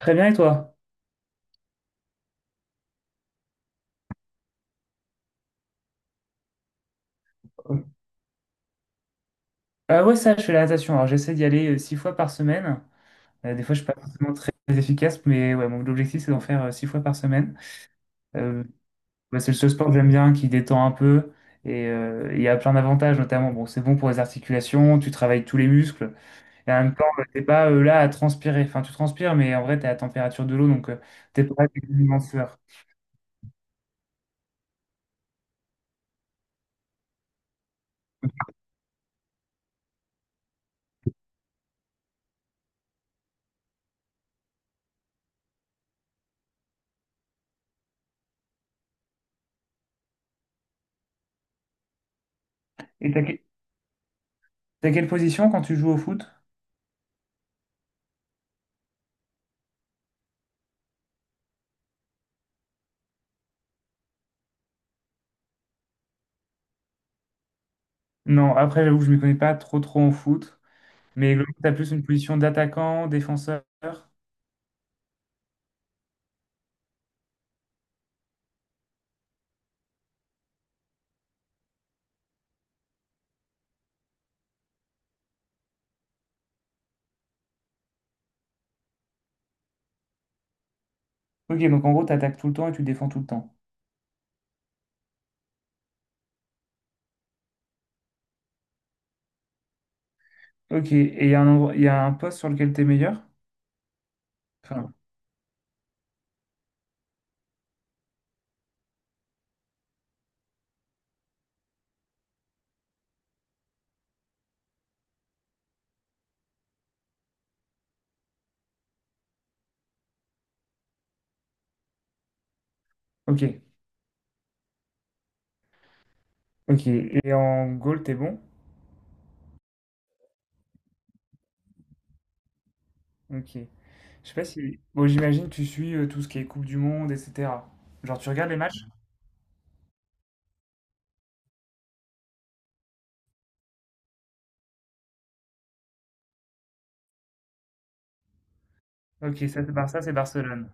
Très bien, et toi? Ouais, ça, je fais la natation. Alors, j'essaie d'y aller six fois par semaine. Des fois, je suis pas forcément très efficace, mais ouais, mon objectif, c'est d'en faire six fois par semaine. Euh, ouais, c'est le seul sport que j'aime bien, qui détend un peu. Et il y a plein d'avantages, notamment, bon, c'est bon pour les articulations, tu travailles tous les muscles. Et en même temps, t'es pas là à transpirer. Enfin, tu transpires, mais en vrai, t'es à la température de l'eau, donc t'es pas une sueur. Et t'as que- T'as quelle position quand tu joues au foot? Non, après, j'avoue que je m'y connais pas trop trop en foot. Mais tu as plus une position d'attaquant, défenseur. Ok, donc en gros, tu attaques tout le temps et tu défends tout le temps. Ok, et il y a un poste sur lequel tu es meilleur? Enfin, ok, ok. Et en goal, t'es bon? Ok. Je sais pas si. Bon, j'imagine que tu suis tout ce qui est Coupe du Monde, etc. Genre, tu regardes les matchs? Ok, ça c'est Barça, c'est Barcelone.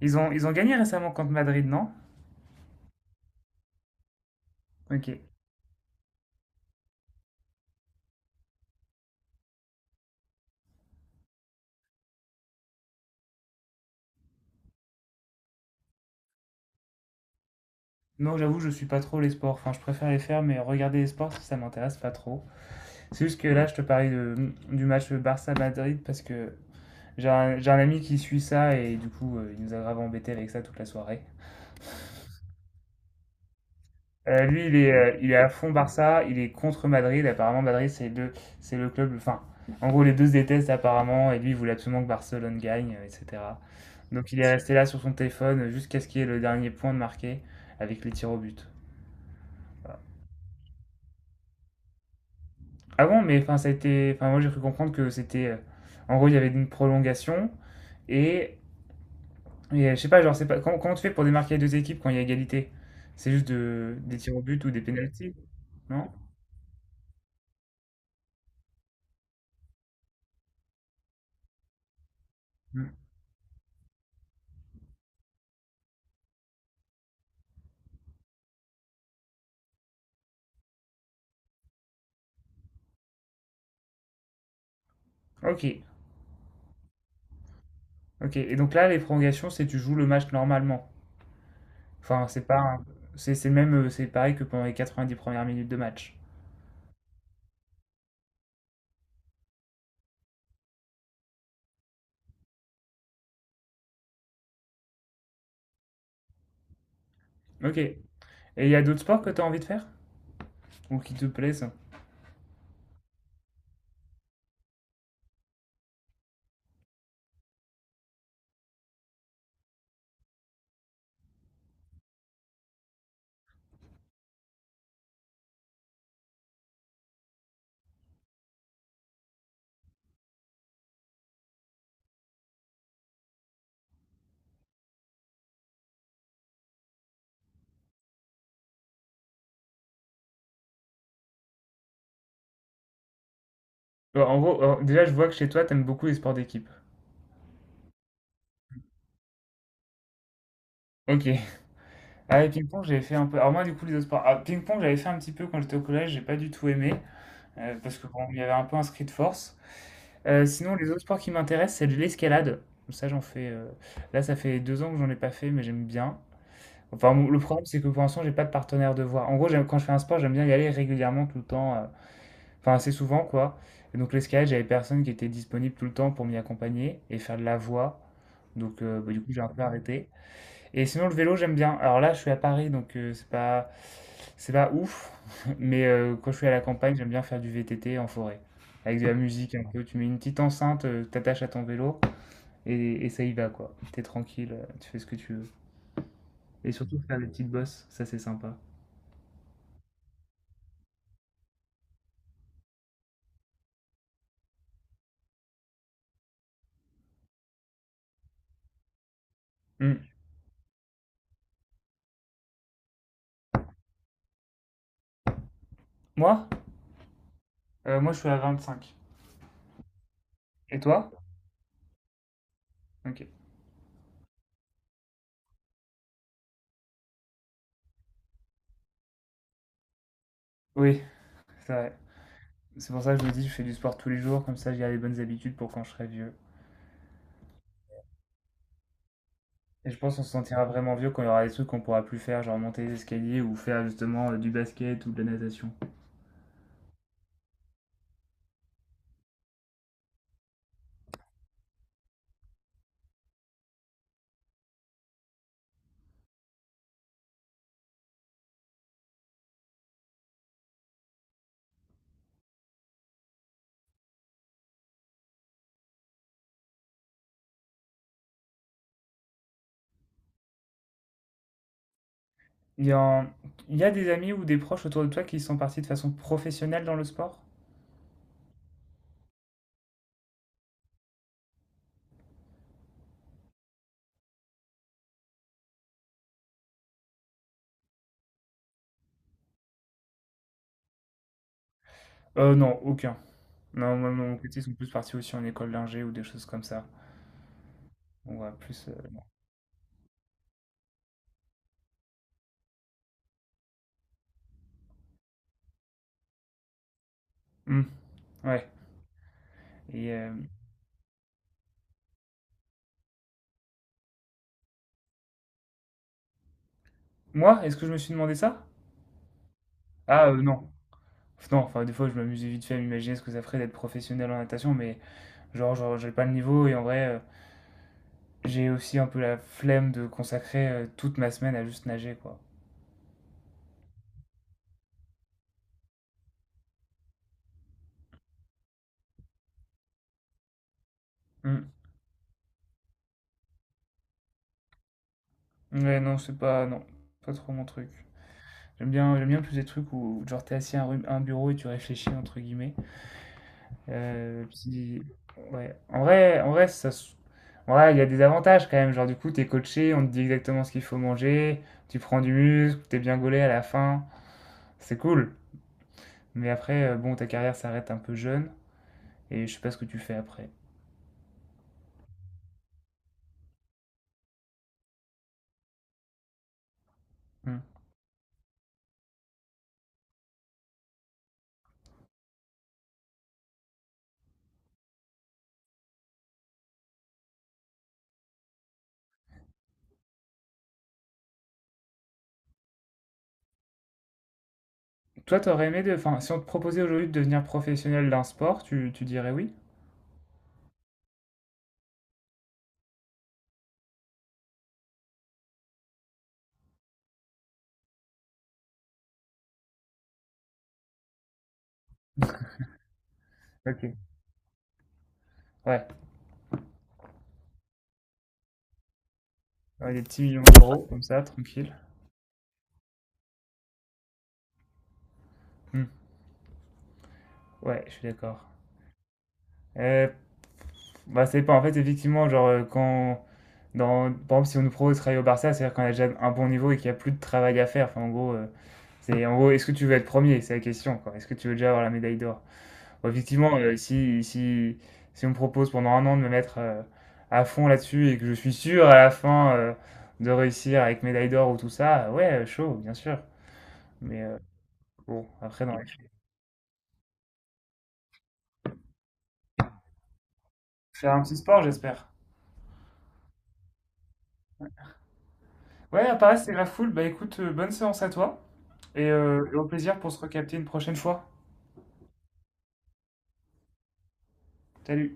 Ils ont gagné récemment contre Madrid, non? Ok. Non, j'avoue, je suis pas trop les sports. Enfin, je préfère les faire, mais regarder les sports, ça m'intéresse pas trop. C'est juste que là, je te parlais du match Barça-Madrid parce que j'ai un ami qui suit ça et du coup, il nous a grave embêté avec ça toute la soirée. Lui, il est à fond Barça, il est contre Madrid. Apparemment, Madrid, c'est le club. Enfin, en gros, les deux se détestent apparemment et lui, il voulait absolument que Barcelone gagne, etc. Donc, il est resté là sur son téléphone jusqu'à ce qu'il y ait le dernier point de marqué avec les tirs au but. Ah bon, mais enfin, ça a été. Enfin, moi, j'ai cru comprendre que c'était. En gros, il y avait une prolongation et je sais pas, genre, c'est pas comment tu fais pour démarquer les 2 équipes quand il y a égalité? C'est juste des tirs au but ou des pénaltys? Non? Hmm. Ok, ok. Et donc là, les prolongations, c'est tu joues le match normalement. Enfin, c'est pas, un- c'est le même, c'est pareil que pendant les 90 premières minutes de match. Ok. Et il y a d'autres sports que tu as envie de faire? Ou qui te plaisent? Bon, en gros, alors, déjà, je vois que chez toi, t'aimes beaucoup les sports d'équipe. Ok. Ah, et ping-pong, j'avais fait un peu. Alors, moi, du coup, les autres sports. Ah, ping-pong, j'avais fait un petit peu quand j'étais au collège, j'ai pas du tout aimé. Parce que, bon, il y avait un peu un de force. Sinon, les autres sports qui m'intéressent, c'est de l'escalade. Ça, j'en fais. Là, ça fait 2 ans que j'en ai pas fait, mais j'aime bien. Enfin, le problème, c'est que pour l'instant, j'ai pas de partenaire de voie. En gros, quand je fais un sport, j'aime bien y aller régulièrement, tout le temps. Enfin, assez souvent, quoi. Et donc, l'escalade, j'avais personne qui était disponible tout le temps pour m'y accompagner et faire de la voie. Donc, bah, du coup, j'ai un peu arrêté. Et sinon, le vélo, j'aime bien. Alors là, je suis à Paris, donc c'est pas ouf. Mais quand je suis à la campagne, j'aime bien faire du VTT en forêt. Avec de la musique un peu. Tu mets une petite enceinte, t'attaches à ton vélo et ça y va, quoi. T'es tranquille, tu fais ce que tu veux. Et surtout, faire des petites bosses, ça c'est sympa. Hmm. Moi? Moi, je suis à 25. Et toi? Ok. Oui, c'est vrai. C'est pour ça que je me dis, je fais du sport tous les jours, comme ça j'ai les bonnes habitudes pour quand je serai vieux. Et je pense qu'on se sentira vraiment vieux quand il y aura des trucs qu'on pourra plus faire, genre monter les escaliers ou faire justement du basket ou de la natation. Il y a, il y a des amis ou des proches autour de toi qui sont partis de façon professionnelle dans le sport? Non, aucun. Non, moi, mon côté, ils sont plus partis aussi en école d'ingé ou des choses comme ça. On va plus. Hmm, ouais. Et moi, est-ce que je me suis demandé ça? Ah, non. Non, enfin, des fois, je m'amusais vite fait à m'imaginer ce que ça ferait d'être professionnel en natation, mais genre, j'ai pas le niveau et en vrai. J'ai aussi un peu la flemme de consacrer toute ma semaine à juste nager, quoi. Hmm. Ouais, non, c'est pas. Non, pas trop mon truc. J'aime bien plus des trucs où, genre, t'es assis à un bureau et tu réfléchis, entre guillemets. Puis, ouais. En vrai, ça. Ouais, il y a des avantages quand même. Genre, du coup, t'es coaché, on te dit exactement ce qu'il faut manger, tu prends du muscle, t'es bien gaulé à la fin. C'est cool. Mais après, bon, ta carrière s'arrête un peu jeune et je sais pas ce que tu fais après. Hmm. Toi, t'aurais aimé Enfin, si on te proposait aujourd'hui de devenir professionnel d'un sport, tu dirais oui? Ok. Ouais. Ouais, des petits millions d'euros, comme ça, tranquille. Hmm. Ouais, je suis d'accord. Euh, Bah, c'est pas. En fait, effectivement, genre, Par exemple, si on nous propose de travailler au Barça, c'est-à-dire qu'on a déjà un bon niveau et qu'il n'y a plus de travail à faire. Enfin, en gros, En gros, est-ce que tu veux être premier? C'est la question, quoi. Est-ce que tu veux déjà avoir la médaille d'or? Bon, effectivement, si on me propose pendant un an de me mettre à fond là-dessus et que je suis sûr à la fin de réussir avec médaille d'or ou tout ça, ouais, chaud, bien sûr. Mais bon, après, dans les faits. Faire un petit sport, j'espère. Ouais, à Paris, c'est la foule. Bah écoute, bonne séance à toi et au plaisir pour se recapter une prochaine fois. Salut!